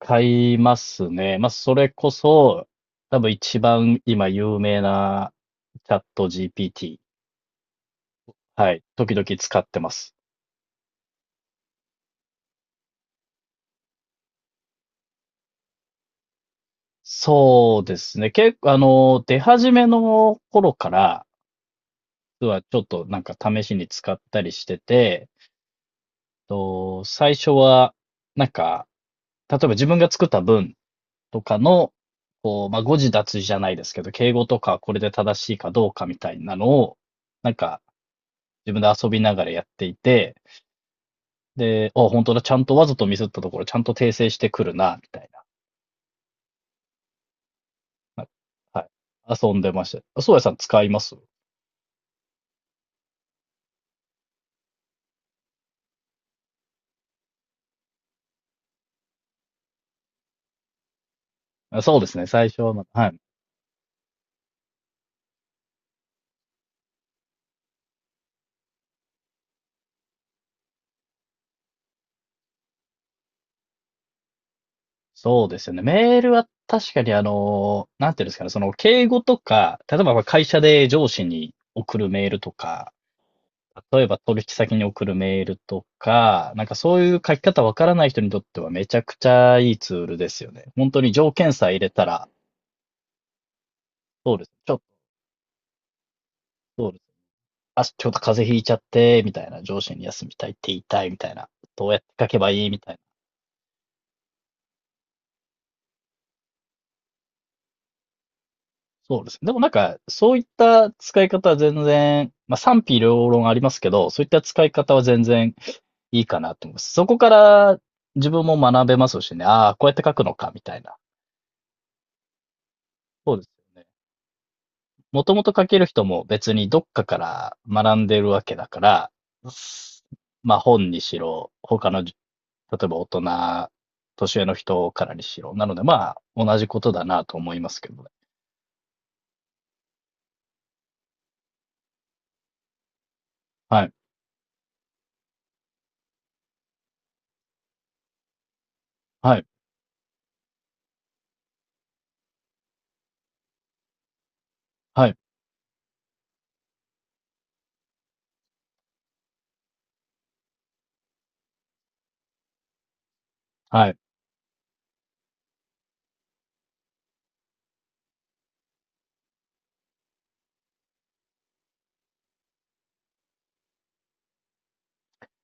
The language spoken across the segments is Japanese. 買いますね。まあ、それこそ、多分一番今有名なチャット GPT。はい。時々使ってます。そうですね。結構、出始めの頃から、実はちょっと試しに使ったりしてて、最初は、なんか、例えば自分が作った文とかの、まあ、誤字脱字じゃないですけど、敬語とかこれで正しいかどうかみたいなのを、なんか、自分で遊びながらやっていて、で、あ、本当だ、ちゃんとわざとミスったところ、ちゃんと訂正してくるな、みたいな。はい。はい、遊んでました。あ、そうやさん使います？あ、そうですね、最初はまだ、はい。そうですよね。メールは確かになんていうんですかね、その敬語とか、例えば会社で上司に送るメールとか、例えば取引先に送るメールとか、なんかそういう書き方わからない人にとってはめちゃくちゃいいツールですよね。本当に条件さえ入れたら、そうです。ちょっと、そうです。あ、ちょっと風邪ひいちゃって、みたいな、上司に休みたいって言いたい、みたいな、どうやって書けばいい、みたいな。そうですね。でもなんか、そういった使い方は全然、まあ賛否両論ありますけど、そういった使い方は全然いいかなと思います。そこから自分も学べますしね、ああ、こうやって書くのか、みたいな。そうですよね。もともと書ける人も別にどっかから学んでるわけだから、まあ本にしろ、他の例えば大人、年上の人からにしろ。なので、まあ、同じことだなと思いますけどね。はい。はい。はい。はい。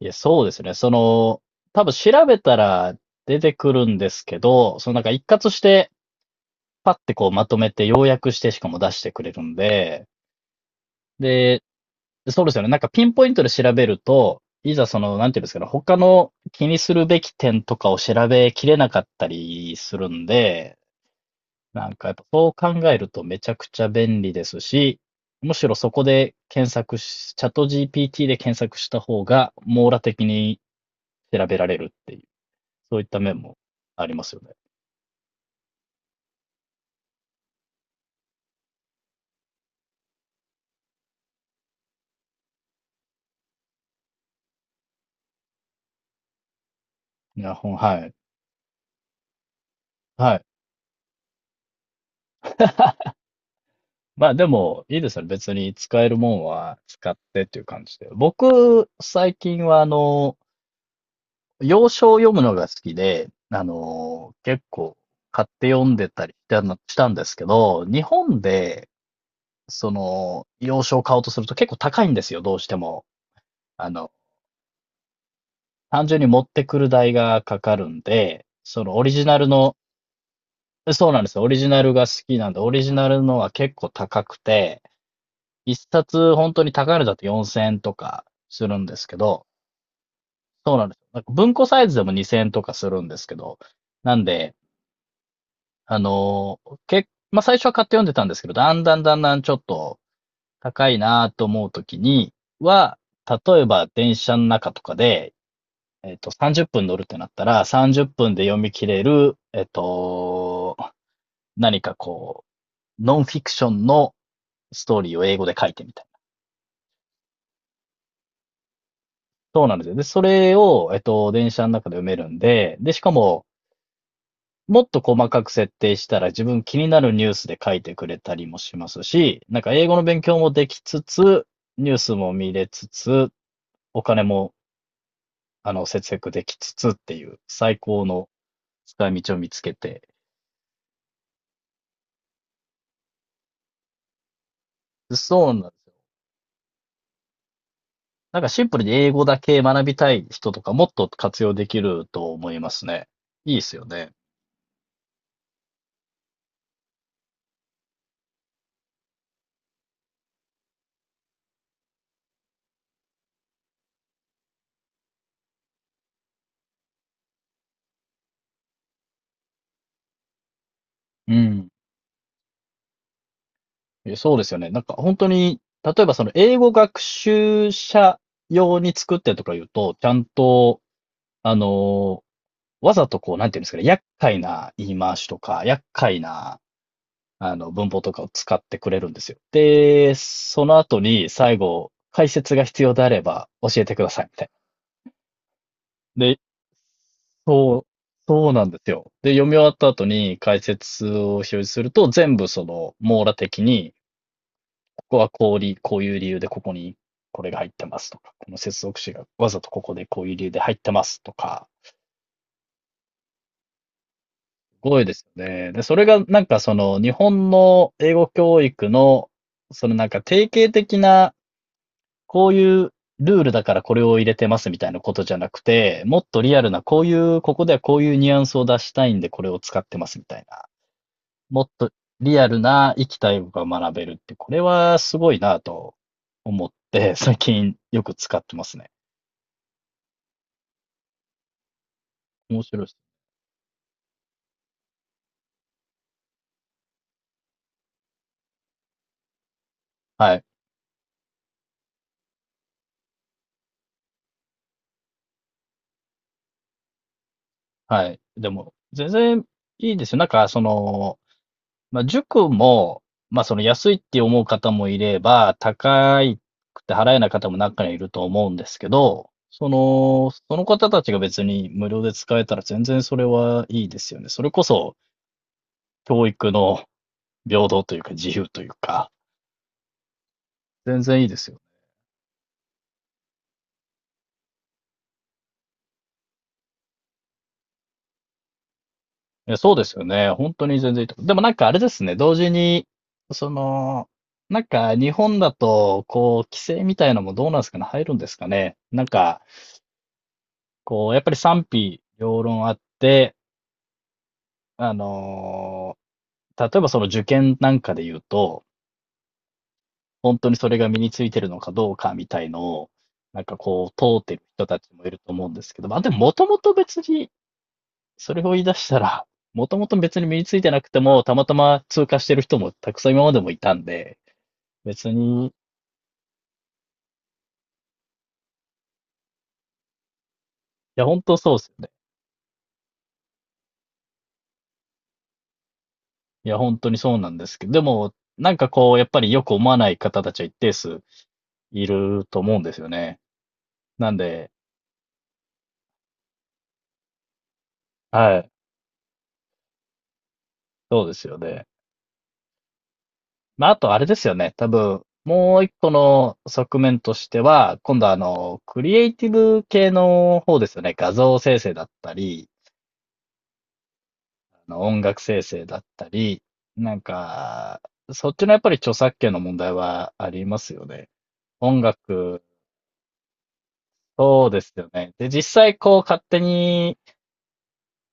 いや、そうですね。その、多分調べたら出てくるんですけど、そのなんか一括して、パッてこうまとめて要約してしかも出してくれるんで、で、そうですよね。なんかピンポイントで調べると、いざその、なんていうんですかね、他の気にするべき点とかを調べきれなかったりするんで、なんかやっぱそう考えるとめちゃくちゃ便利ですし、むしろそこで検索し、チャット GPT で検索した方が網羅的に調べられるっていう、そういった面もありますよね。いや、ほん、はい。はい。まあでも、いいですよね。別に使えるもんは使ってっていう感じで。僕、最近は洋書を読むのが好きで、結構買って読んでたりしたのしたんですけど、日本でその、洋書を買おうとすると結構高いんですよ、どうしても。あの、単純に持ってくる代がかかるんで、そのオリジナルの、そうなんですよ、オリジナルが好きなんで、オリジナルのは結構高くて、一冊本当に高いのだと4000円とかするんですけど、そうなんですよ。なんか文庫サイズでも2000円とかするんですけど、なんで、あの、け、まあ、最初は買って読んでたんですけど、だんだんだんだんちょっと、高いなと思うときには、例えば電車の中とかで、30分乗るってなったら、30分で読み切れる、何かこう、ノンフィクションのストーリーを英語で書いてみたいな。そうなんですよ。で、それを、電車の中で読めるんで、で、しかも、もっと細かく設定したら自分気になるニュースで書いてくれたりもしますし、なんか英語の勉強もできつつ、ニュースも見れつつ、お金も節約できつつっていう最高の使い道を見つけて。そうなんですよ。なんかシンプルに英語だけ学びたい人とかもっと活用できると思いますね。いいですよね。うん。え、そうですよね。なんか本当に、例えばその英語学習者用に作ってとか言うと、ちゃんと、あの、わざとこう、なんていうんですかね、厄介な言い回しとか、厄介な文法とかを使ってくれるんですよ。で、その後に最後、解説が必要であれば教えてください、みたいな。で、そう、そうなんですよ。で、読み終わった後に解説を表示すると、全部その、網羅的に、ここはこうり、こういう理由でここにこれが入ってますとか、この接続詞がわざとここでこういう理由で入ってますとか、すごいですよね。で、それがなんかその、日本の英語教育の、そのなんか定型的なこういうルールだからこれを入れてますみたいなことじゃなくて、もっとリアルな、こういう、ここではこういうニュアンスを出したいんでこれを使ってますみたいな。もっとリアルな生きた英語が学べるって、これはすごいなと思って、最近よく使ってますね。面白いです。はい。はい。でも、全然いいですよ。なんか、その、まあ、塾も、まあ、その安いって思う方もいれば、高くて払えない方も中にはいると思うんですけど、その、その方たちが別に無料で使えたら全然それはいいですよね。それこそ教育の平等というか自由というか、全然いいですよね。いや、そうですよね。本当に全然いいと思う。でもなんかあれですね、同時に、その、なんか日本だと、こう、規制みたいなのもどうなんですかね、入るんですかね。なんか、こう、やっぱり賛否両論あって、あのー例えばその受験なんかで言うと、本当にそれが身についてるのかどうかみたいのを、なんかこう、問うてる人たちもいると思うんですけど、まあでももともと別に、それを言い出したら、もともと別に身についてなくても、たまたま通過してる人もたくさん今までもいたんで、別に、いや、本当そうですよね。いや、本当にそうなんですけど、でも、なんかこう、やっぱりよく思わない方たちは一定数いると思うんですよね。なんで、はい。そうですよね。まあ、あとあれですよね。多分、もう一個の側面としては、今度はクリエイティブ系の方ですよね。画像生成だったり、あの音楽生成だったり、なんか、そっちのやっぱり著作権の問題はありますよね。音楽、そうですよね。で、実際こう勝手に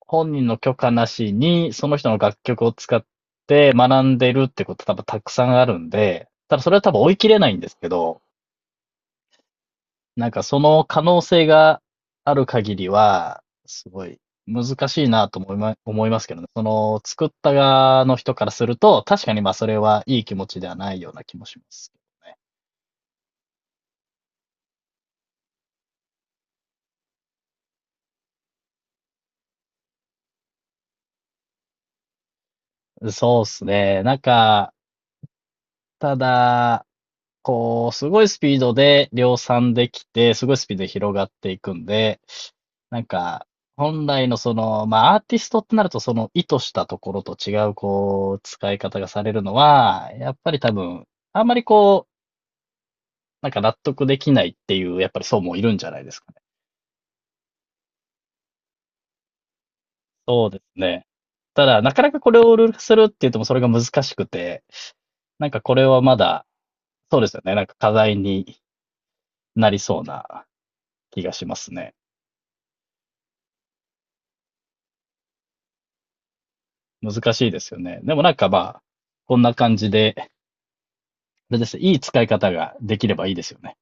本人の許可なしに、その人の楽曲を使って学んでるってこと多分たくさんあるんで、ただそれは多分追い切れないんですけど、なんかその可能性がある限りは、すごい難しいなと思いま、思いますけどね。その作った側の人からすると、確かにまあそれはいい気持ちではないような気もしますけどね。そうですね。なんか、ただ、こう、すごいスピードで量産できて、すごいスピードで広がっていくんで、なんか、本来のその、まあ、アーティストってなると、その意図したところと違う、こう、使い方がされるのは、やっぱり多分、あんまりこう、なんか納得できないっていう、やっぱり層もいるんじゃないですかね。ね。ただ、なかなかこれをルール化するって言ってもそれが難しくて、なんかこれはまだ、そうですよね。なんか課題になりそうな気がしますね。難しいですよね。でもなんかまあ、こんな感じで、あれですね、いい使い方ができればいいですよね。